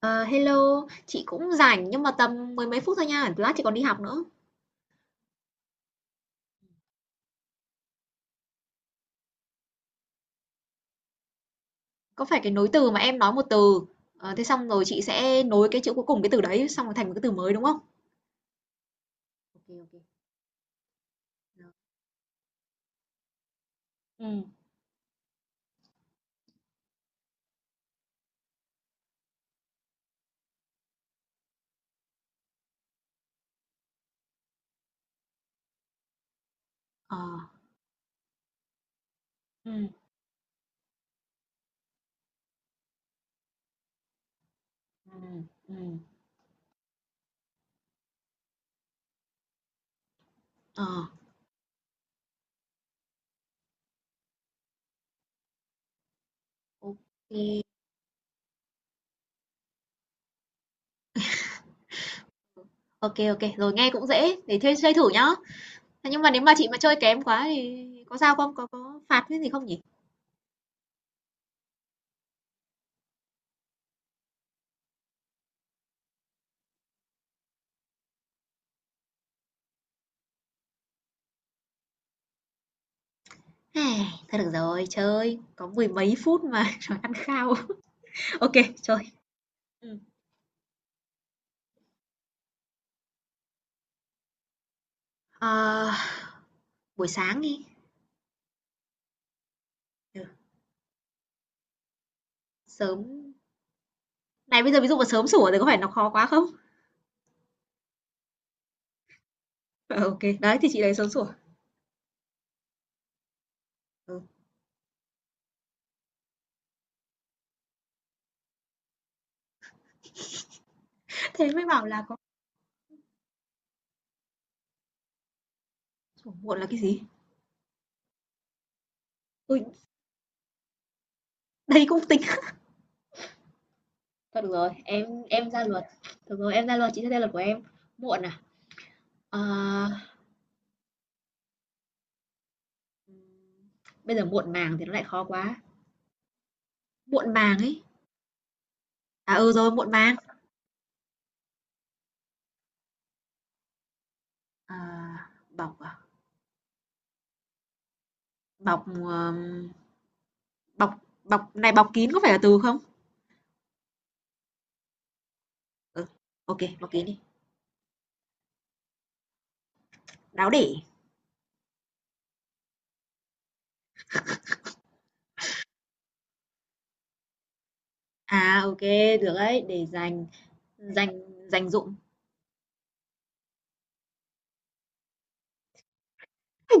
Ờ, hello, chị cũng rảnh nhưng mà tầm mười mấy phút thôi nha, lát chị còn đi học nữa. Có phải cái nối từ mà em nói một từ, thế xong rồi chị sẽ nối cái chữ cuối cùng cái từ đấy xong rồi thành một cái từ mới đúng không? Ok ok. Được. Ừ. Ờ, ừ ừ, ừ, ờ, ok. Ok ok, rồi nghe cũng dễ, để thuê chơi thử nhá. Thế nhưng mà nếu mà chị mà chơi kém quá thì có sao không? Có phạt cái gì không nhỉ? Ai, thôi được rồi, chơi có mười mấy phút mà rồi ăn khao. Ok, chơi. Ừ. Ờ, buổi sáng đi. Ờ, sớm. Này bây giờ ví dụ mà sớm sủa thì có phải nó khó quá không? Ờ, ô đấy, thì chị lấy sớm sủa. Ừ, thế mới bảo là có. Sủa muộn là cái gì? Ôi, đấy cũng tính. Thôi được rồi, em ra luật. Được rồi, em ra luật, chị sẽ ra luật của em. Muộn à? Ờ, bây giờ muộn màng thì nó lại khó quá. Muộn màng ấy. À ừ rồi, muộn màng. Ờ, bọc à? Bọc, bọc này, bọc kín có phải là từ không? Ừ, ô, bọc kín đi. Đáo để. À, ok được đấy, để dành. Dành. Dành dụm.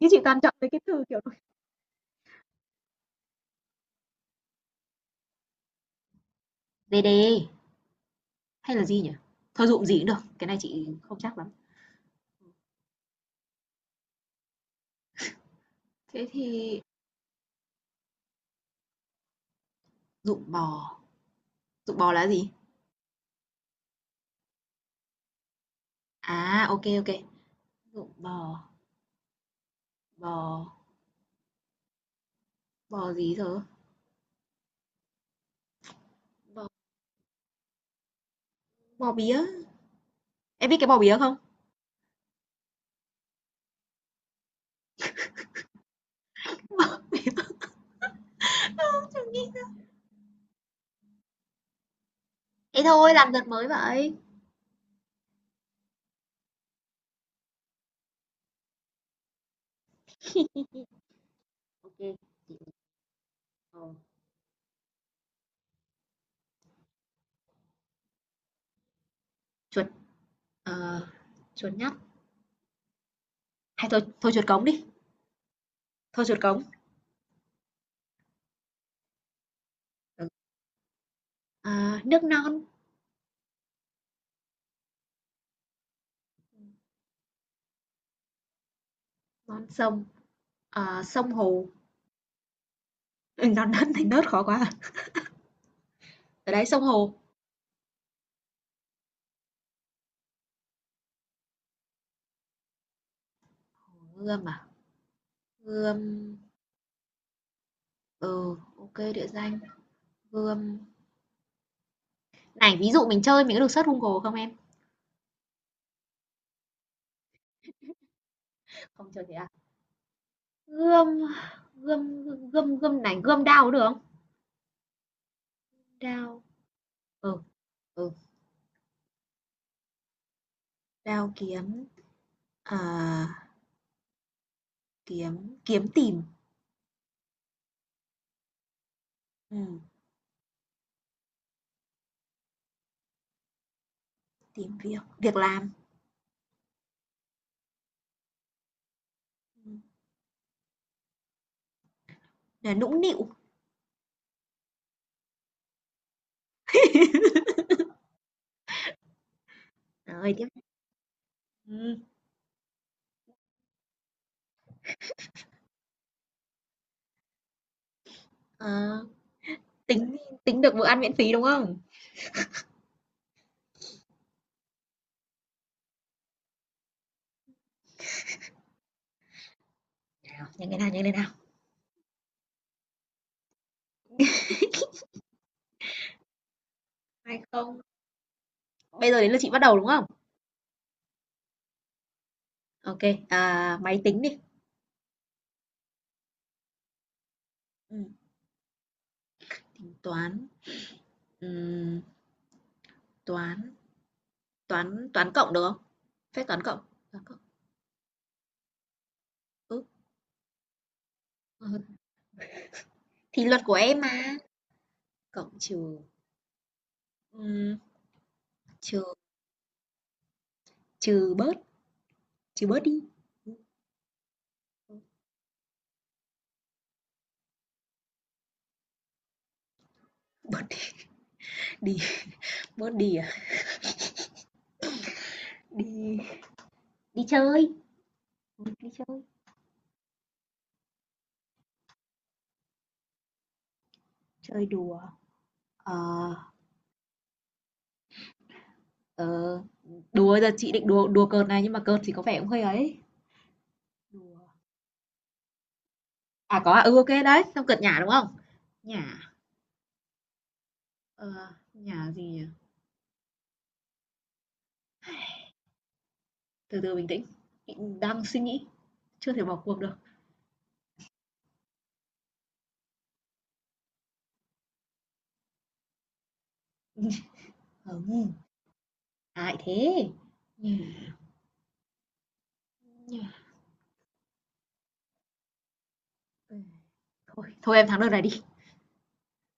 Chứ chị toàn chọn mấy cái từ kiểu đê đê hay là gì nhỉ? Thôi dụng gì cũng được, cái này chị không chắc lắm. Thế thì dụng bò, dụng bò là gì? À, ok ok. Dụng bò, bò, bò gì giờ? Bò, bò bía. Em biết cái bò bía không? Thế thôi, làm đợt mới vậy. Ok. Chuột, ờ, chuột nhắt. Hay thôi, thôi chuột cống đi. Thôi chuột cống. Ừ. À, nước non, non sông, à, sông hồ. Ừ, non đất thành nớt khó quá. À. Ở đấy sông hồ. Gươm à? Gươm. Ừ, ok địa danh. Gươm này, ví dụ mình chơi mình có được search Google không em? Không chơi thế à? Gươm, gươm, gươm, gươm này, gươm đao có được không? Đao, ừ, ừ, đao kiếm, à, kiếm kiếm tìm, ừm, tìm việc, việc làm, ừm, là nũng nịu. Trời ơi, tiếp. ừm, ờ, tính. Tính được bữa ăn miễn phí, đúng không? Nào, nhanh lên nào, nhanh lên nào. Hay không. Bây giờ đến lượt chị bắt đầu, đúng không? Ok. À, máy tính đi. Ừm, tính toán, ừm, toán. Toán toán cộng được không? Phép toán cộng, ừ, ờ, thì luật của em mà, cộng trừ, ừm, trừ. Trừ bớt, trừ bớt đi, bớt đi, bớt đi à? Đi, đi chơi, đi chơi, chơi đùa, ờ, ờ, đùa giờ chị định đùa đùa cợt này nhưng mà cợt thì có vẻ cũng hơi ấy, đùa, à, có à, ừ, ok đấy, xong cợt nhả, đúng không? Nhả, ờ, nhả gì nhỉ? Từ từ bình tĩnh, đang suy nghĩ, chưa thể bỏ cuộc được, ừm, ai thế, nhả, nhả, ừ. Thôi thôi em thắng đợt này đi,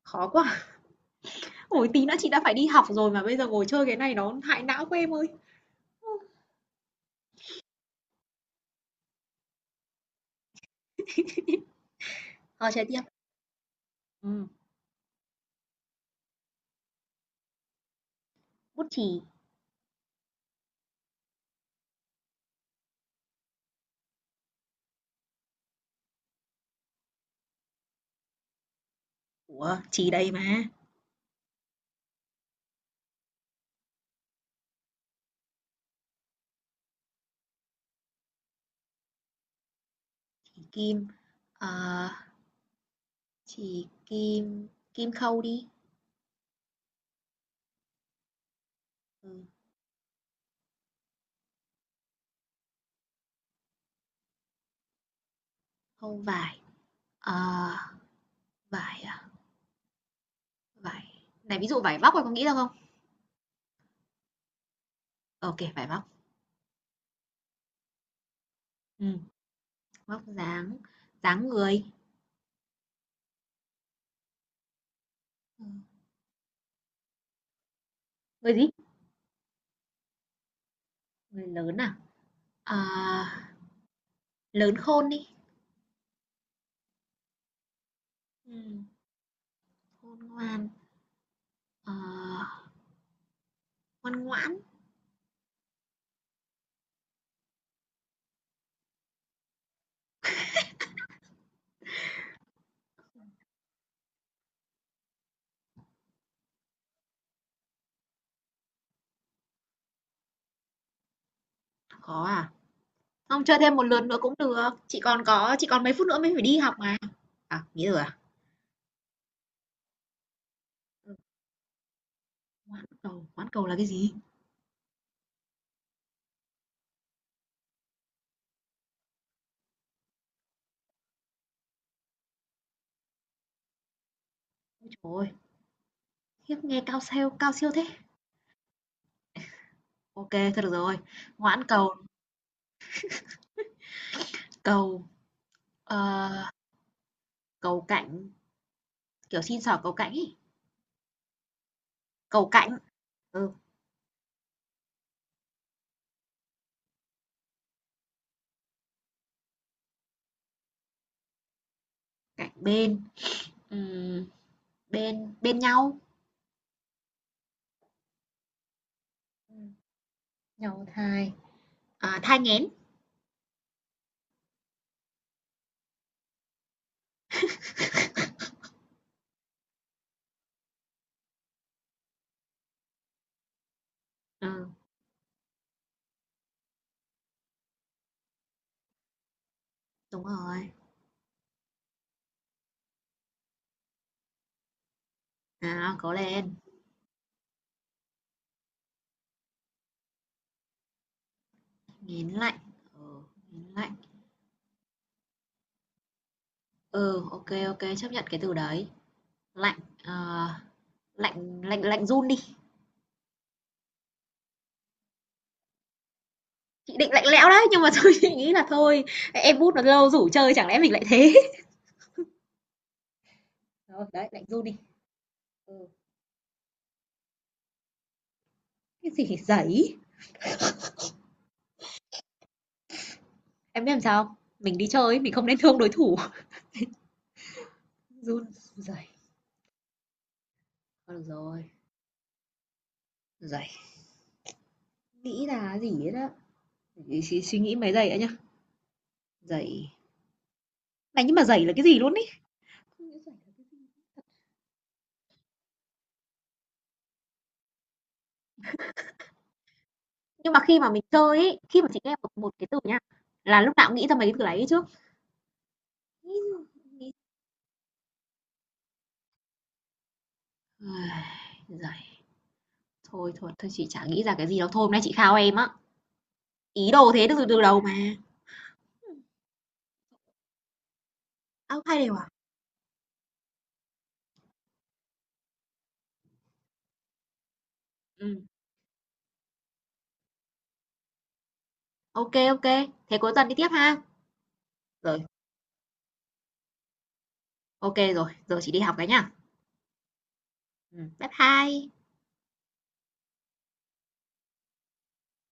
khó quá. Ôi, tí nữa chị đã phải đi học rồi mà bây giờ ngồi chơi cái này nó hại não của em ơi. Thôi chơi tiếp. Ừm, bút chì. Ủa, chì đây mà. Chì kim. Ờ, à, chì kim, kim khâu đi. Ừ, khâu vải. Ờ, à, vải à, vải. Này ví dụ vải vóc em có nghĩ ra không? Ờ, ok, vải vóc. Ừm, vóc dáng, dáng người. Ừ, người gì? Người lớn à? Ờ, lớn khôn đi. Ừm, khôn ngoan. Ờ, ngoan ngoãn. Khó à? Không, chơi thêm một lượt nữa cũng được, chị còn mấy phút nữa mới phải đi học mà. À, nghỉ rồi à? Cầu hoãn cầu là cái gì? Trời ơi, khiếp nghe cao siêu thế. Ok kê, thôi được rồi. Hoãn cầu, cầu, ờ, cầu cạnh, kiểu, xin xỏ cầu cạnh ấy, cầu cạnh, ừ, cạnh bên, ừm, bên, bên nhau, nhau thai, à, thai nghén, ừ, đúng rồi. Nào, cố lên, nghén lạnh, ừ, nghén lạnh, ừ, ok ok, chấp nhận cái từ đấy, lạnh, ờ. Lạnh, lạnh, lạnh run đi, chị định lạnh lẽo đấy, nhưng mà thôi chị nghĩ là thôi, em bút nó lâu rủ chơi chẳng lẽ mình lại thế. Thôi, đấy, lạnh run đi. Ừ. Cái gì giấy? Em biết làm sao không? Mình đi chơi mình không nên thương đối thủ. Run. Giày. Được rồi, giày. Nghĩ là cái gì đấy đó. Để suy, suy nghĩ mấy giây đã nhá. Giày. Này nhưng mà giày là cái gì luôn ý? Nhưng mà khi mà mình chơi ấy, khi mà chị nghe một một cái từ nha, là lúc nào cũng nghĩ ra mấy cái từ đấy trước. Giày. Thôi thôi, thôi chị chả nghĩ ra cái gì đâu. Thôi hôm nay chị khao em á. Ý đồ thế được từ từ đầu mà. À, thay đều à? Ừ. OK, OK, thế cuối tuần đi tiếp ha. Rồi, OK rồi, giờ chị đi học cái nhá. Bye bye.